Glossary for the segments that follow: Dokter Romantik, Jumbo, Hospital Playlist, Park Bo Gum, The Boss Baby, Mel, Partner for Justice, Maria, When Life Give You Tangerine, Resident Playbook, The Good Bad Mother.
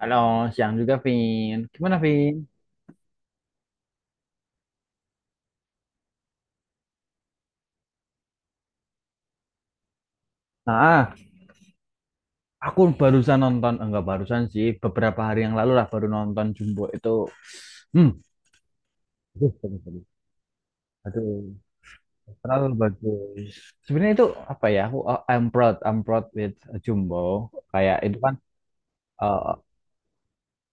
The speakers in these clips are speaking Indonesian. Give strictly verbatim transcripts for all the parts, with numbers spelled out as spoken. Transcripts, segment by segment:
Halo, siang juga, Vin. Gimana, Vin? Nah, aku barusan nonton, enggak barusan sih, beberapa hari yang lalu lah baru nonton Jumbo itu. Hmm, aduh, bagus, bagus. Aduh, terlalu bagus. Sebenarnya itu apa ya? Aku uh, I'm proud, I'm proud with Jumbo. Kayak itu kan uh,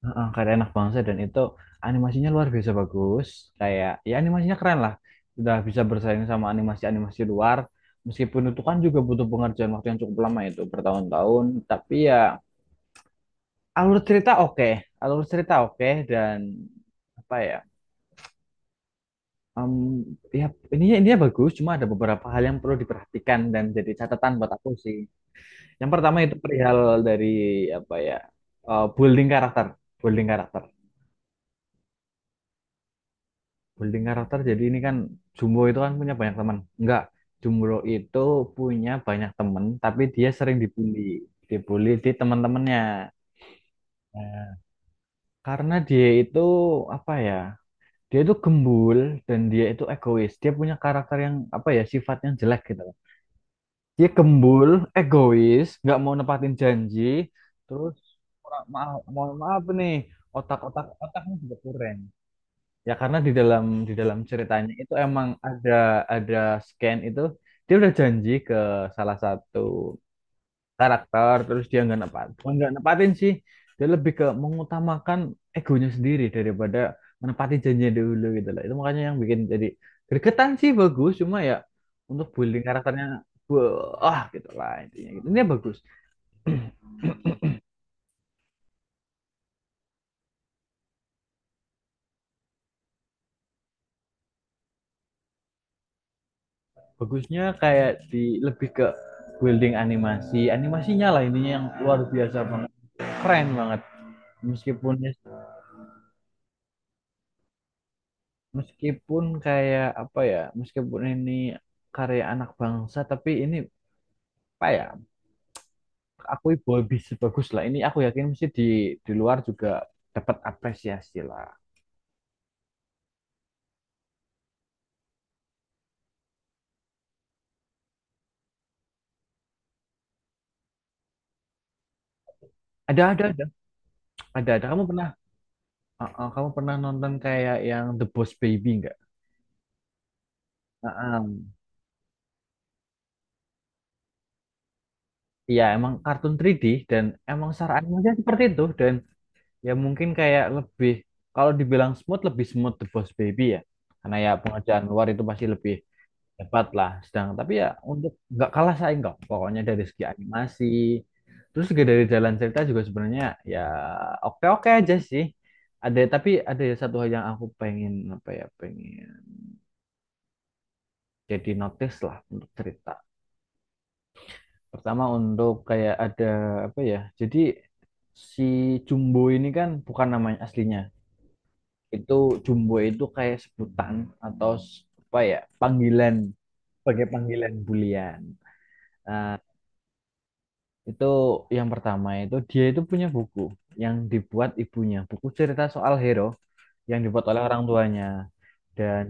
uh, karya anak bangsa dan itu animasinya luar biasa bagus. Kayak ya animasinya keren lah. Sudah bisa bersaing sama animasi-animasi luar. Meskipun itu kan juga butuh pengerjaan waktu yang cukup lama itu bertahun-tahun, tapi ya alur cerita oke alur cerita oke dan apa ya em, ya ini ininya bagus, cuma ada beberapa hal yang perlu diperhatikan dan jadi catatan buat aku sih. Yang pertama itu perihal dari apa ya, eh, building karakter building karakter building karakter. Jadi ini kan Jumbo itu kan punya banyak teman, enggak, Jumbo itu punya banyak teman tapi dia sering dibully dibully di teman-temannya. Nah, karena dia itu apa ya, dia itu gembul dan dia itu egois. Dia punya karakter yang apa ya, sifatnya jelek gitu loh. Dia gembul, egois, nggak mau nepatin janji, terus kurang- maaf, mohon maaf nih, otak-otak otaknya juga kurang. Ya karena di dalam di dalam ceritanya itu emang ada ada scan itu, dia udah janji ke salah satu karakter, terus dia nggak nepat nggak nepatin sih. Dia lebih ke mengutamakan egonya sendiri daripada menepati janjinya dulu gitu lah. Itu makanya yang bikin jadi gregetan sih, bagus cuma ya untuk building karakternya, wah gitu lah intinya gitu. Ini bagus. Bagusnya kayak di, lebih ke building animasi animasinya lah, ininya yang luar biasa banget, keren banget. Meskipun ya, meskipun kayak apa ya, meskipun ini karya anak bangsa tapi ini apa ya, aku boy bagus lah, ini aku yakin mesti di di luar juga dapat apresiasi lah. Ada, ada, ada, ada, ada. Kamu pernah uh, uh, kamu pernah nonton kayak yang The Boss Baby nggak? Uh, um, Iya emang kartun tiga D, dan emang secara animasi seperti itu, dan ya mungkin kayak lebih, kalau dibilang smooth, lebih smooth The Boss Baby ya, karena ya pengerjaan luar itu pasti lebih dapat lah, sedang. Tapi ya untuk nggak kalah saing kok, pokoknya dari segi animasi. Terus juga dari jalan cerita juga sebenarnya ya, oke oke aja sih. Ada, tapi ada satu hal yang aku pengen, apa ya, pengen jadi notice lah untuk cerita. Pertama untuk kayak ada apa ya, jadi si Jumbo ini kan bukan namanya aslinya itu, Jumbo itu kayak sebutan atau s- apa ya panggilan, sebagai panggilan bulian. Nah, itu yang pertama, itu dia itu punya buku yang dibuat ibunya, buku cerita soal hero yang dibuat oleh orang tuanya. Dan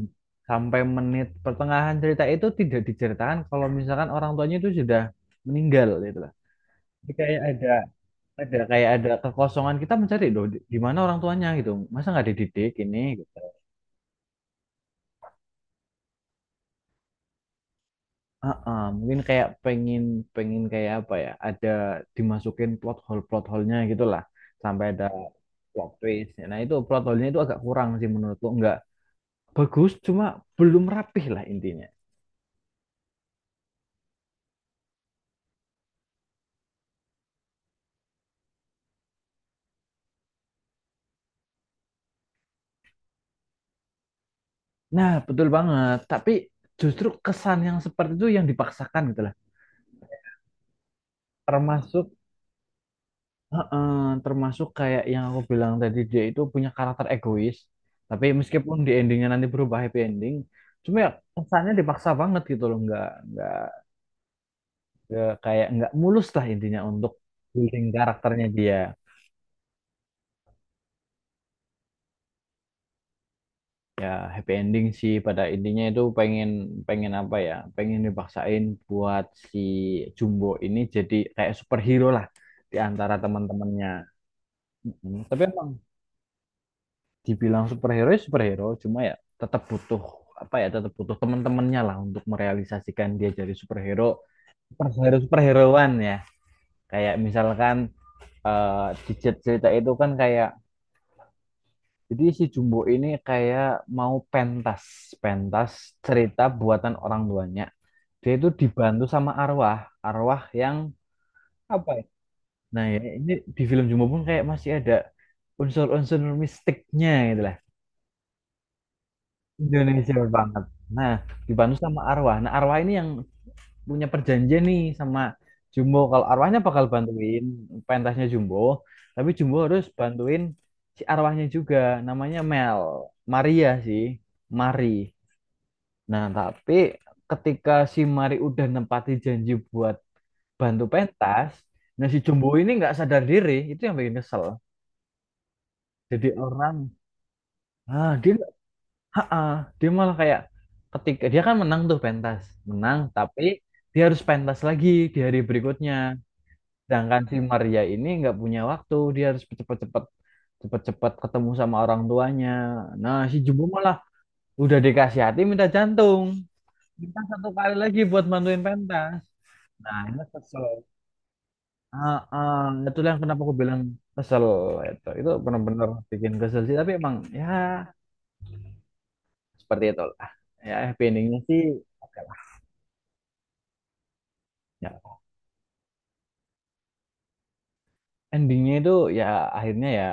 sampai menit pertengahan cerita itu tidak diceritakan kalau misalkan orang tuanya itu sudah meninggal gitu lah. Jadi kayak ada ada kayak ada kekosongan, kita mencari loh di di mana orang tuanya gitu. Masa nggak dididik ini gitu? Ah mungkin kayak pengen pengen kayak apa ya, ada dimasukin plot hole plot hole-nya gitu, sampai ada plot twist. Nah itu plot hole-nya itu agak kurang sih menurutku, nggak bagus, cuma belum rapih lah intinya. Nah betul banget. Tapi justru kesan yang seperti itu yang dipaksakan gitu lah. Termasuk, heeh, termasuk kayak yang aku bilang tadi, dia itu punya karakter egois, tapi meskipun di endingnya nanti berubah happy ending, cuma ya kesannya dipaksa banget gitu loh, nggak nggak ya, kayak nggak mulus lah intinya untuk building karakternya dia. Ya happy ending sih, pada intinya itu pengen, pengen apa ya pengen dipaksain buat si Jumbo ini jadi kayak superhero lah di antara teman-temannya. Mm-mm. Tapi emang dibilang superhero ya superhero, cuma ya tetap butuh, apa ya, tetap butuh teman-temannya lah untuk merealisasikan dia jadi superhero. Superhero superheroan ya, kayak misalkan eh, di cer- cerita itu kan kayak. Jadi si Jumbo ini kayak mau pentas, pentas cerita buatan orang tuanya. Dia itu dibantu sama arwah, arwah yang apa ya? Nah ya ini, di film Jumbo pun kayak masih ada unsur-unsur mistiknya gitu lah. Indonesia banget. Nah, dibantu sama arwah. Nah arwah ini yang punya perjanjian nih sama Jumbo. Kalau arwahnya bakal bantuin pentasnya Jumbo, tapi Jumbo harus bantuin si arwahnya juga. Namanya Mel, Maria sih, Mari. Nah, tapi ketika si Mari udah nempati janji buat bantu pentas, nah si Jumbo ini nggak sadar diri, itu yang bikin kesel. Jadi orang, ah dia, nggak- ah, ah. Dia malah kayak, ketika dia kan menang tuh pentas, menang, tapi dia harus pentas lagi di hari berikutnya. Sedangkan si Maria ini nggak punya waktu, dia harus cepet-cepet cepet-cepet ketemu sama orang tuanya. Nah, si Jumbo malah udah dikasih hati minta jantung. Kita satu kali lagi buat manduin pentas. Nah, ini kesel. Ah, ah, itu yang kenapa aku bilang kesel itu. Itu benar-benar bikin kesel sih. Tapi emang ya seperti itu lah. Ya happy endingnya sih oke lah. Ya, endingnya itu ya akhirnya ya,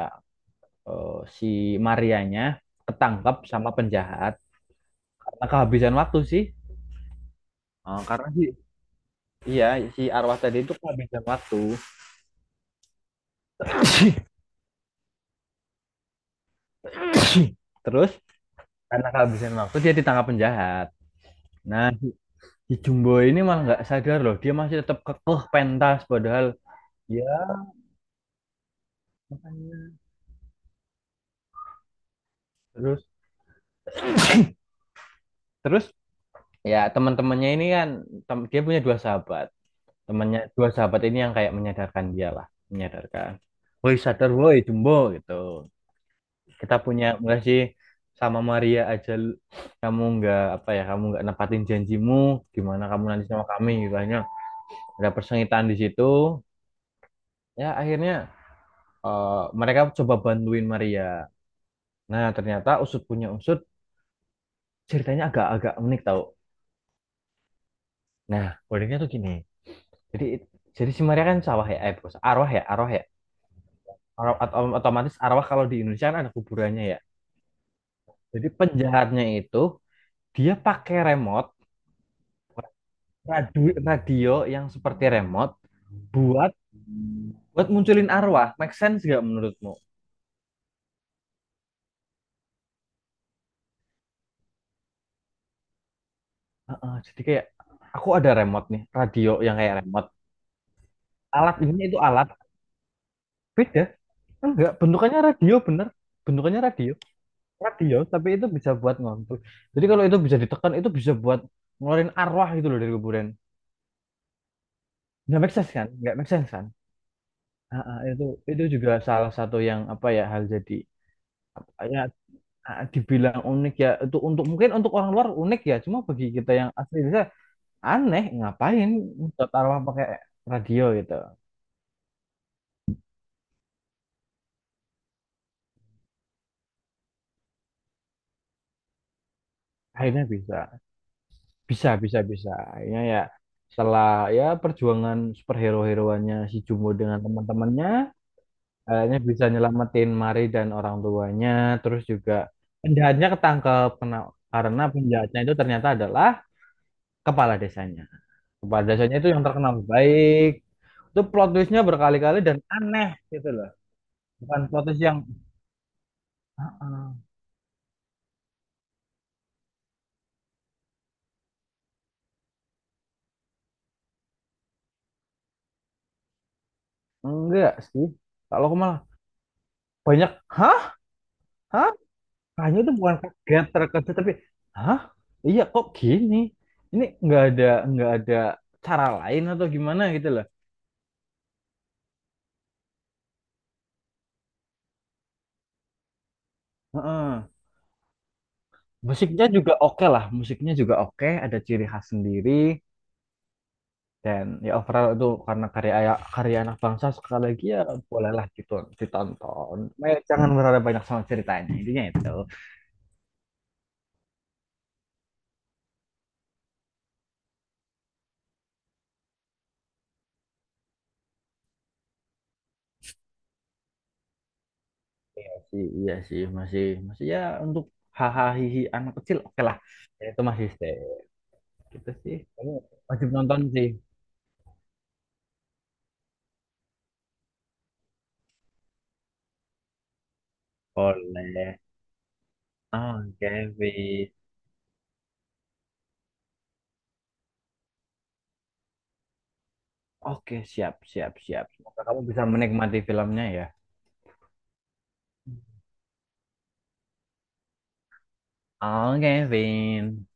eh, si Marianya ketangkap sama penjahat karena kehabisan waktu sih. Eh, karena sih, iya, si arwah tadi itu kehabisan waktu. Terus karena kehabisan waktu dia ditangkap penjahat. Nah, si Jumbo ini malah nggak sadar loh, dia masih tetap kekeh pentas padahal, ya makanya. Terus terus ya teman-temannya ini kan, tem- dia punya dua sahabat. Temannya dua sahabat ini yang kayak menyadarkan dia lah, menyadarkan. Woi sadar, woi Jumbo, gitu. Kita punya enggak sih sama Maria aja, lu- kamu nggak, apa ya, kamu nggak nepatin janjimu, gimana kamu nanti sama kami gitu. Akhirnya ada persengitan di situ. Ya akhirnya, eh, mereka coba bantuin Maria. Nah, ternyata usut punya usut, ceritanya agak-agak unik tau. Nah, uniknya tuh gini. Jadi jadi si Maria kan sawah ya, eh, bukan, arwah ya, arwah ya. Arwah- ot- otomatis arwah, kalau di Indonesia kan ada kuburannya ya. Jadi penjahatnya itu dia pakai remote, radio, radio yang seperti remote, buat buat munculin arwah. Make sense gak menurutmu? Heeh, jadi kayak aku ada remote nih, radio yang kayak remote. Alat ini itu alat beda. Enggak, bentukannya radio bener. Bentukannya radio. Radio tapi itu bisa buat ngontrol, jadi kalau itu bisa ditekan itu bisa buat ngeluarin arwah gitu loh dari kuburan. Nggak make sense kan, nggak make sense kan. Ah, ah, itu itu juga salah satu yang apa ya, hal jadi apa ya, ah, dibilang unik ya itu, untuk mungkin untuk orang luar unik ya, cuma bagi kita yang asli bisa aneh, ngapain buat arwah pakai radio gitu. Akhirnya bisa, bisa, bisa, bisa akhirnya ya, setelah ya perjuangan superhero-heroannya si Jumbo dengan teman-temannya. Kayaknya bisa nyelamatin Mari dan orang tuanya. Terus juga penjahatnya ketangkep, kena- karena penjahatnya itu ternyata adalah kepala desanya. Kepala desanya itu yang terkenal baik. Itu plot twistnya berkali-kali dan aneh gitu loh. Bukan plot twist yang "Ah, ah." Enggak sih. Kalau aku malah banyak, hah? Hah? Kayaknya itu bukan kaget terkejut, tapi hah? Iya kok gini? Ini nggak ada nggak ada cara lain atau gimana gitu loh. Heeh. Musiknya juga oke lah, musiknya juga oke, ada ciri khas sendiri, dan ya overall itu, karena karya karya anak bangsa sekali lagi ya, bolehlah gitu ditonton. Eh, jangan berharap banyak sama ceritanya, intinya itu. Masih, iya sih, masih masih ya untuk hahaha hihi anak kecil oke lah. Ya, itu masih stay gitu sih. Kamu wajib nonton sih. Boleh. Oke, Vin. Oke, siap, siap, siap. Semoga kamu bisa menikmati filmnya ya. Oke, Vin.